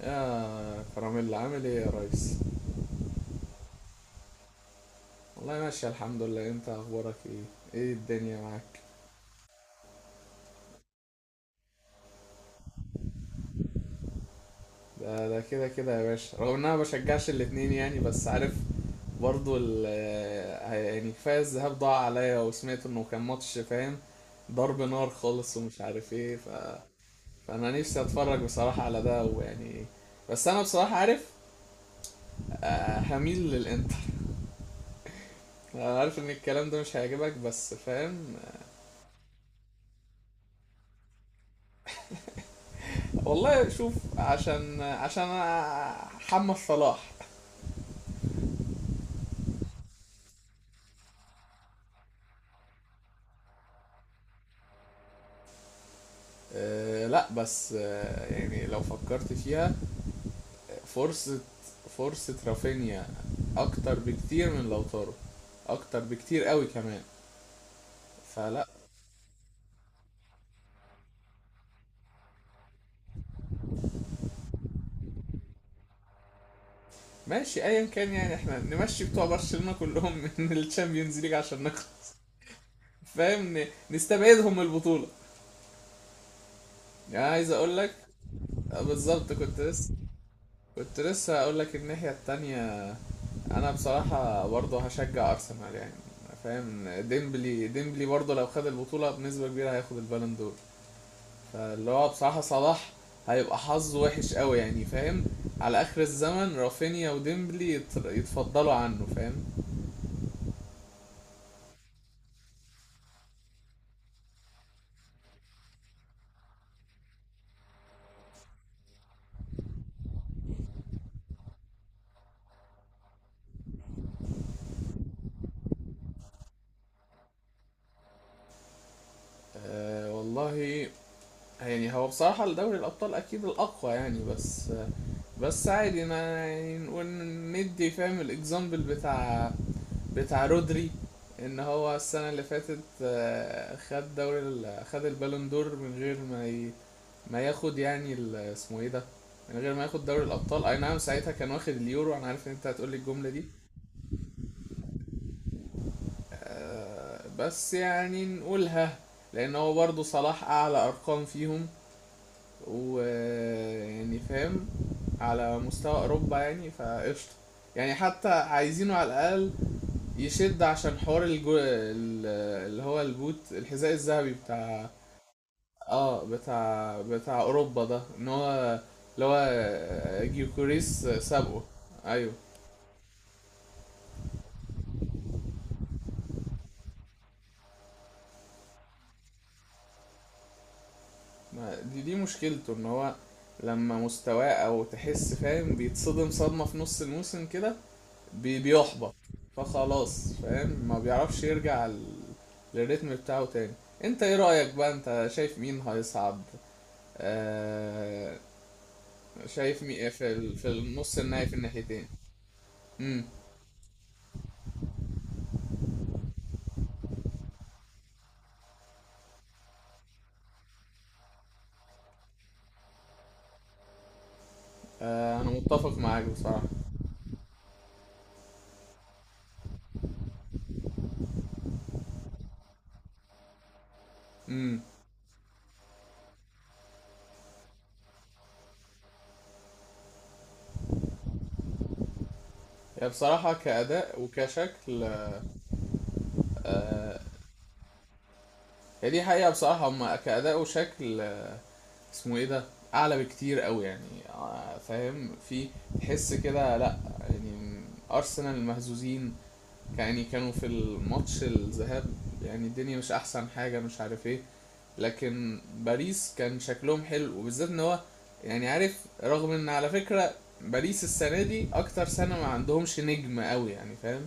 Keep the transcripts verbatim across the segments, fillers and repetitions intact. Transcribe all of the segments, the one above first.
يا كراميل، عامل ايه يا ريس؟ والله ماشي الحمد لله. انت اخبارك ايه؟ ايه الدنيا معاك؟ ده ده كده كده يا باشا، رغم ان انا بشجعش الاتنين يعني، بس عارف، برضو ال آه، يعني كفايه الذهاب ضاع عليا، وسمعت انه كان ماتش فاهم، ضرب نار خالص ومش عارف ايه ف... فانا نفسي اتفرج بصراحه على ده، ويعني بس انا بصراحه عارف، آه، هميل للانتر. أنا عارف ان الكلام ده مش هيعجبك، بس فاهم. والله شوف، عشان عشان أنا حمد صلاح. أه لا، بس أه يعني لو فكرت فيها، فرصة، فرصة رافينيا اكتر بكتير من لوتارو، اكتر بكتير قوي كمان. فلا، ماشي ايا كان، يعني احنا نمشي بتوع برشلونة كلهم من الشامبيونز ليج عشان نخلص، فاهم، ن- نستبعدهم من البطولة. يعني عايز اقول لك، آه، بالظبط كنت لسه، كنت لسه هقول لك الناحية التانية. انا بصراحة برضه هشجع ارسنال يعني، فاهم، ديمبلي ديمبلي برضه لو خد البطولة بنسبة كبيرة هياخد البالون دور. فاللي هو بصراحة صلاح هيبقى حظه وحش قوي يعني، فاهم، على اخر الزمن رافينيا وديمبلي يت- يتفضلوا عنه، فاهم. أه والله، يعني هو بصراحة الدوري الابطال اكيد الاقوى يعني، بس بس عادي، انا يعني نقول ندي فاهم الاكزامبل بتاع بتاع رودري، ان هو السنة اللي فاتت آه، خد دوري ال- خد البالون دور من غير ما ي... ما ياخد يعني ال- اسمه ايه ده، من غير ما ياخد دوري الابطال. اي نعم ساعتها كان واخد اليورو، انا عارف ان انت هتقولي الجملة دي، آه، بس يعني نقولها لان هو برضه صلاح اعلى ارقام فيهم، ويعني فاهم على مستوى اوروبا يعني فقشطة. يعني حتى عايزينه على الاقل يشد عشان حوار الجو... ال- اللي هو البوت، الحذاء الذهبي بتاع، اه بتاع بتاع اوروبا ده، ان هو اللي هو جيوكوريس سابقه. ايوه. ما دي دي مشكلته، ان هو لما مستواه او تحس فاهم بيتصدم صدمة في نص الموسم كده، بي- بيحبط. فخلاص فاهم ما بيعرفش يرجع ال- للريتم بتاعه تاني. انت ايه رأيك بقى؟ انت شايف مين هيصعد؟ آه، شايف مي في ال- في النص النهائي في الناحيتين؟ امم. آه انا متفق معاك بصراحه. امم. هي بصراحه كاداء وكشكل آه. هي دي حقيقه بصراحه، هما كاداء وشكل آه اسمه ايه ده، اعلى بكتير قوي يعني، آه فاهم، في تحس كده، لا يعني ارسنال مهزوزين يعني، كانوا في الماتش الذهاب يعني الدنيا مش احسن حاجة مش عارف ايه. لكن باريس كان شكلهم حلو، وبالذات ان هو يعني عارف، رغم ان على فكرة باريس السنة دي اكتر سنة ما عندهمش نجم قوي يعني، فاهم،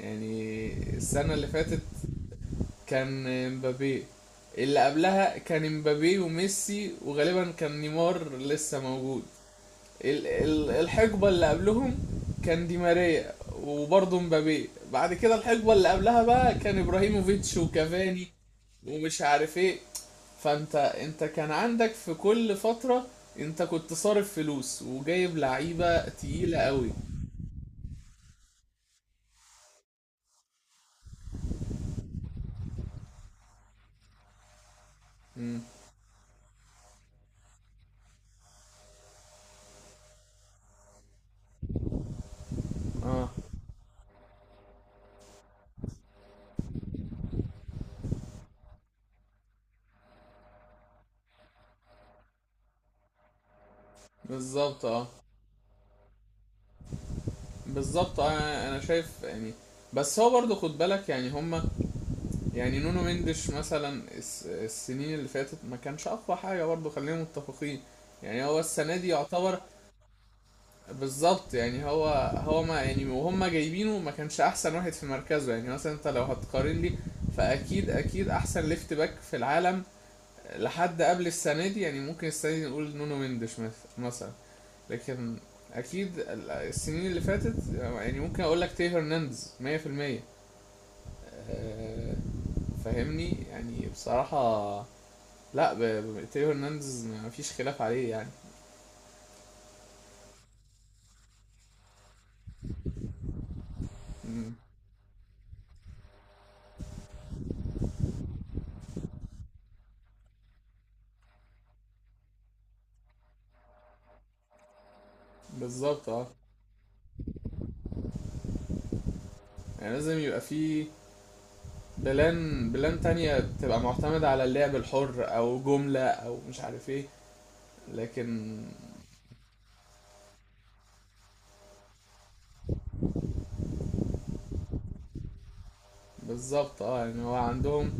يعني السنة اللي فاتت كان مبابي، اللي قبلها كان مبابي وميسي، وغالبا كان نيمار لسه موجود. ال- ال- الحقبه اللي قبلهم كان دي ماريا وبرضه مبابي، بعد كده الحقبه اللي قبلها بقى كان ابراهيموفيتش وكافاني ومش عارف ايه. فانت انت كان عندك في كل فتره، انت كنت صارف فلوس وجايب لعيبه تقيله قوي. امم. اه بالظبط. اه بالظبط آه، انا شايف يعني، بس هو برضه خد بالك يعني هما، يعني نونو مندش مثلا الس- السنين اللي فاتت ما كانش اقوى حاجه برضه، خلينا متفقين، يعني هو السنه دي يعتبر. بالظبط يعني هو، هو ما يعني وهم جايبينه ما كانش احسن واحد في مركزه يعني، مثلا انت لو هتقارن لي، فاكيد اكيد احسن ليفت باك في العالم لحد قبل السنه دي يعني، ممكن السنه دي نقول نونو مندش مث- مثلا. لكن اكيد ال- السنين اللي فاتت يعني، ممكن اقول لك تي هرنانديز مية في المية، آه، فاهمني يعني بصراحه. لا ب- ب- تيو هرنانديز مفيش خلاف عليه يعني. مم. بالظبط اه. يعني لازم يبقى في بلان، بلان تانية، تبقى معتمدة على اللعب الحر او جملة او مش عارف ايه. لكن بالظبط اه. يعني هو عندهم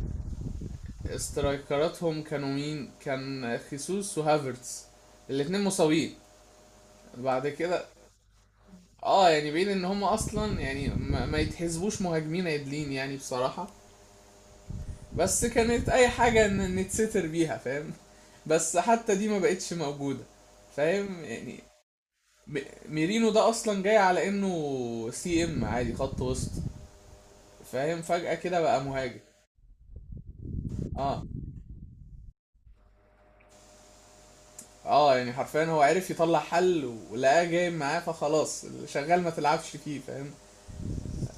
استرايكراتهم كانوا مين؟ كان خيسوس وهافرتز، الاتنين مصابين بعد كده. اه يعني بين ان هم اصلا يعني ما, ما يتحسبوش مهاجمين عدلين يعني بصراحة، بس كانت اي حاجه ان نتستر بيها، فاهم، بس حتى دي ما بقتش موجوده. فاهم يعني، م- ميرينو ده اصلا جاي على انه سي ام عادي، خط وسط، فاهم، فجأة كده بقى مهاجم. اه. اه يعني حرفيا هو عرف يطلع حل ولقاه جاي معاه، فخلاص اللي شغال ما تلعبش فيه، فاهم.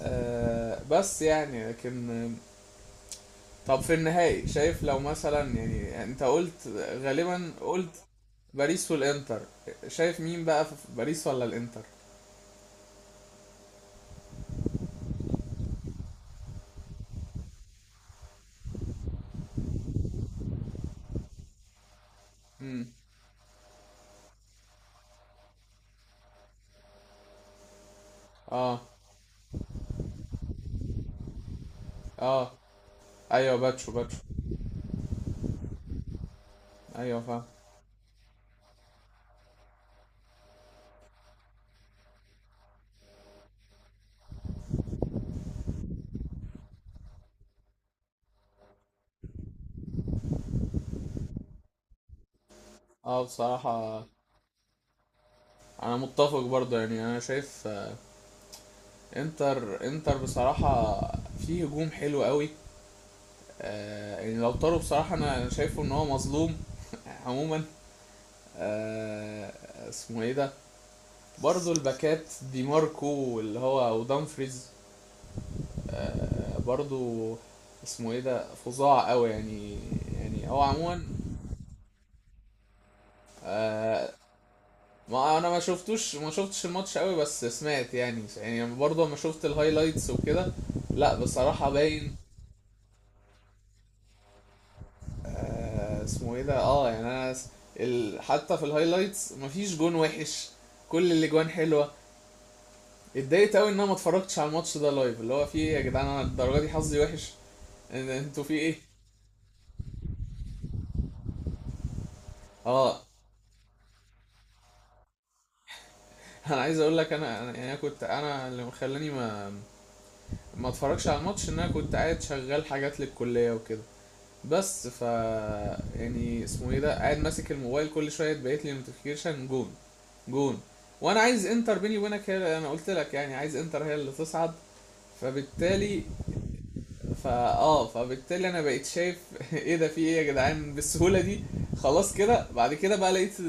آه بس يعني، لكن طب في النهائي شايف لو مثلا، يعني انت قلت غالبا قلت باريس والانتر. شايف مين بقى في باريس ولا الانتر؟ امم. اه. اه ايوه باتشو، باتشو. ايوه فاهم. اه بصراحة انا متفق برضه يعني، انا شايف آه، انتر، انتر بصراحة فيه هجوم حلو قوي. آه يعني لو طاروا بصراحة، انا أنا شايفه ان هو مظلوم عموما. آه اسمه ايه ده، برضه الباكات، دي ماركو واللي هو ودامفريز، آه، برضو اسمه ايه ده، فظاع قوي يعني. يعني هو عموما، ما انا ما شفتوش، ما شفتش الماتش قوي، بس سمعت يعني، يعني برضو لما شفت الهايلايتس وكده لا بصراحة باين. آه اسمه ايه ده، اه يعني انا س- ال... حتى في الهايلايتس مفيش جون وحش، كل الاجوان حلوة. اتضايقت قوي ان انا ما اتفرجتش على الماتش ده لايف، اللي هو في ايه يا جدعان، انا الدرجة دي حظي وحش. ان- انتوا في ايه؟ اه انا عايز اقول لك، انا انا يعني أنا كنت، انا اللي مخلاني ما ما اتفرجش على الماتش ان انا كنت قاعد شغال حاجات للكليه وكده، بس ف يعني اسمه ايه ده، قاعد ماسك الموبايل كل شويه تبعت لي نوتيفيكيشن، جون، جون، وانا عايز انتر، بيني وبينك هي انا قلت لك يعني عايز انتر هي اللي تصعد. فبالتالي، فا اه، فبالتالي انا بقيت شايف ايه ده، في ايه يا جدعان بالسهوله دي؟ خلاص كده، بعد كده بقى لقيت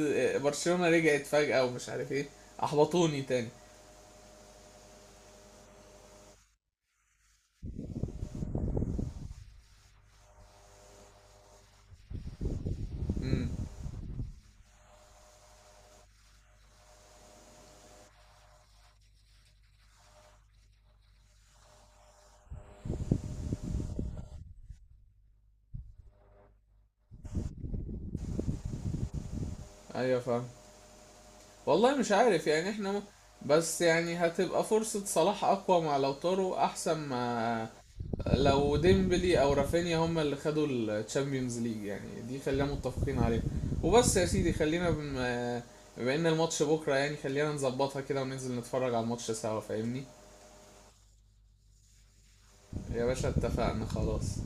برشلونه رجعت فجاه ومش عارف ايه، احبطوني تاني. امم. ايوه فاهم. والله مش عارف يعني احنا م... بس يعني هتبقى فرصة صلاح أقوى مع لوتارو، أحسن ما لو ديمبلي أو رافينيا هما اللي خدوا الشامبيونز ليج، يعني دي خلينا متفقين عليها. وبس يا سيدي، خلينا بم... بما إن الماتش بكرة يعني، خلينا نظبطها كده وننزل نتفرج على الماتش سوا، فاهمني. يا باشا اتفقنا، خلاص.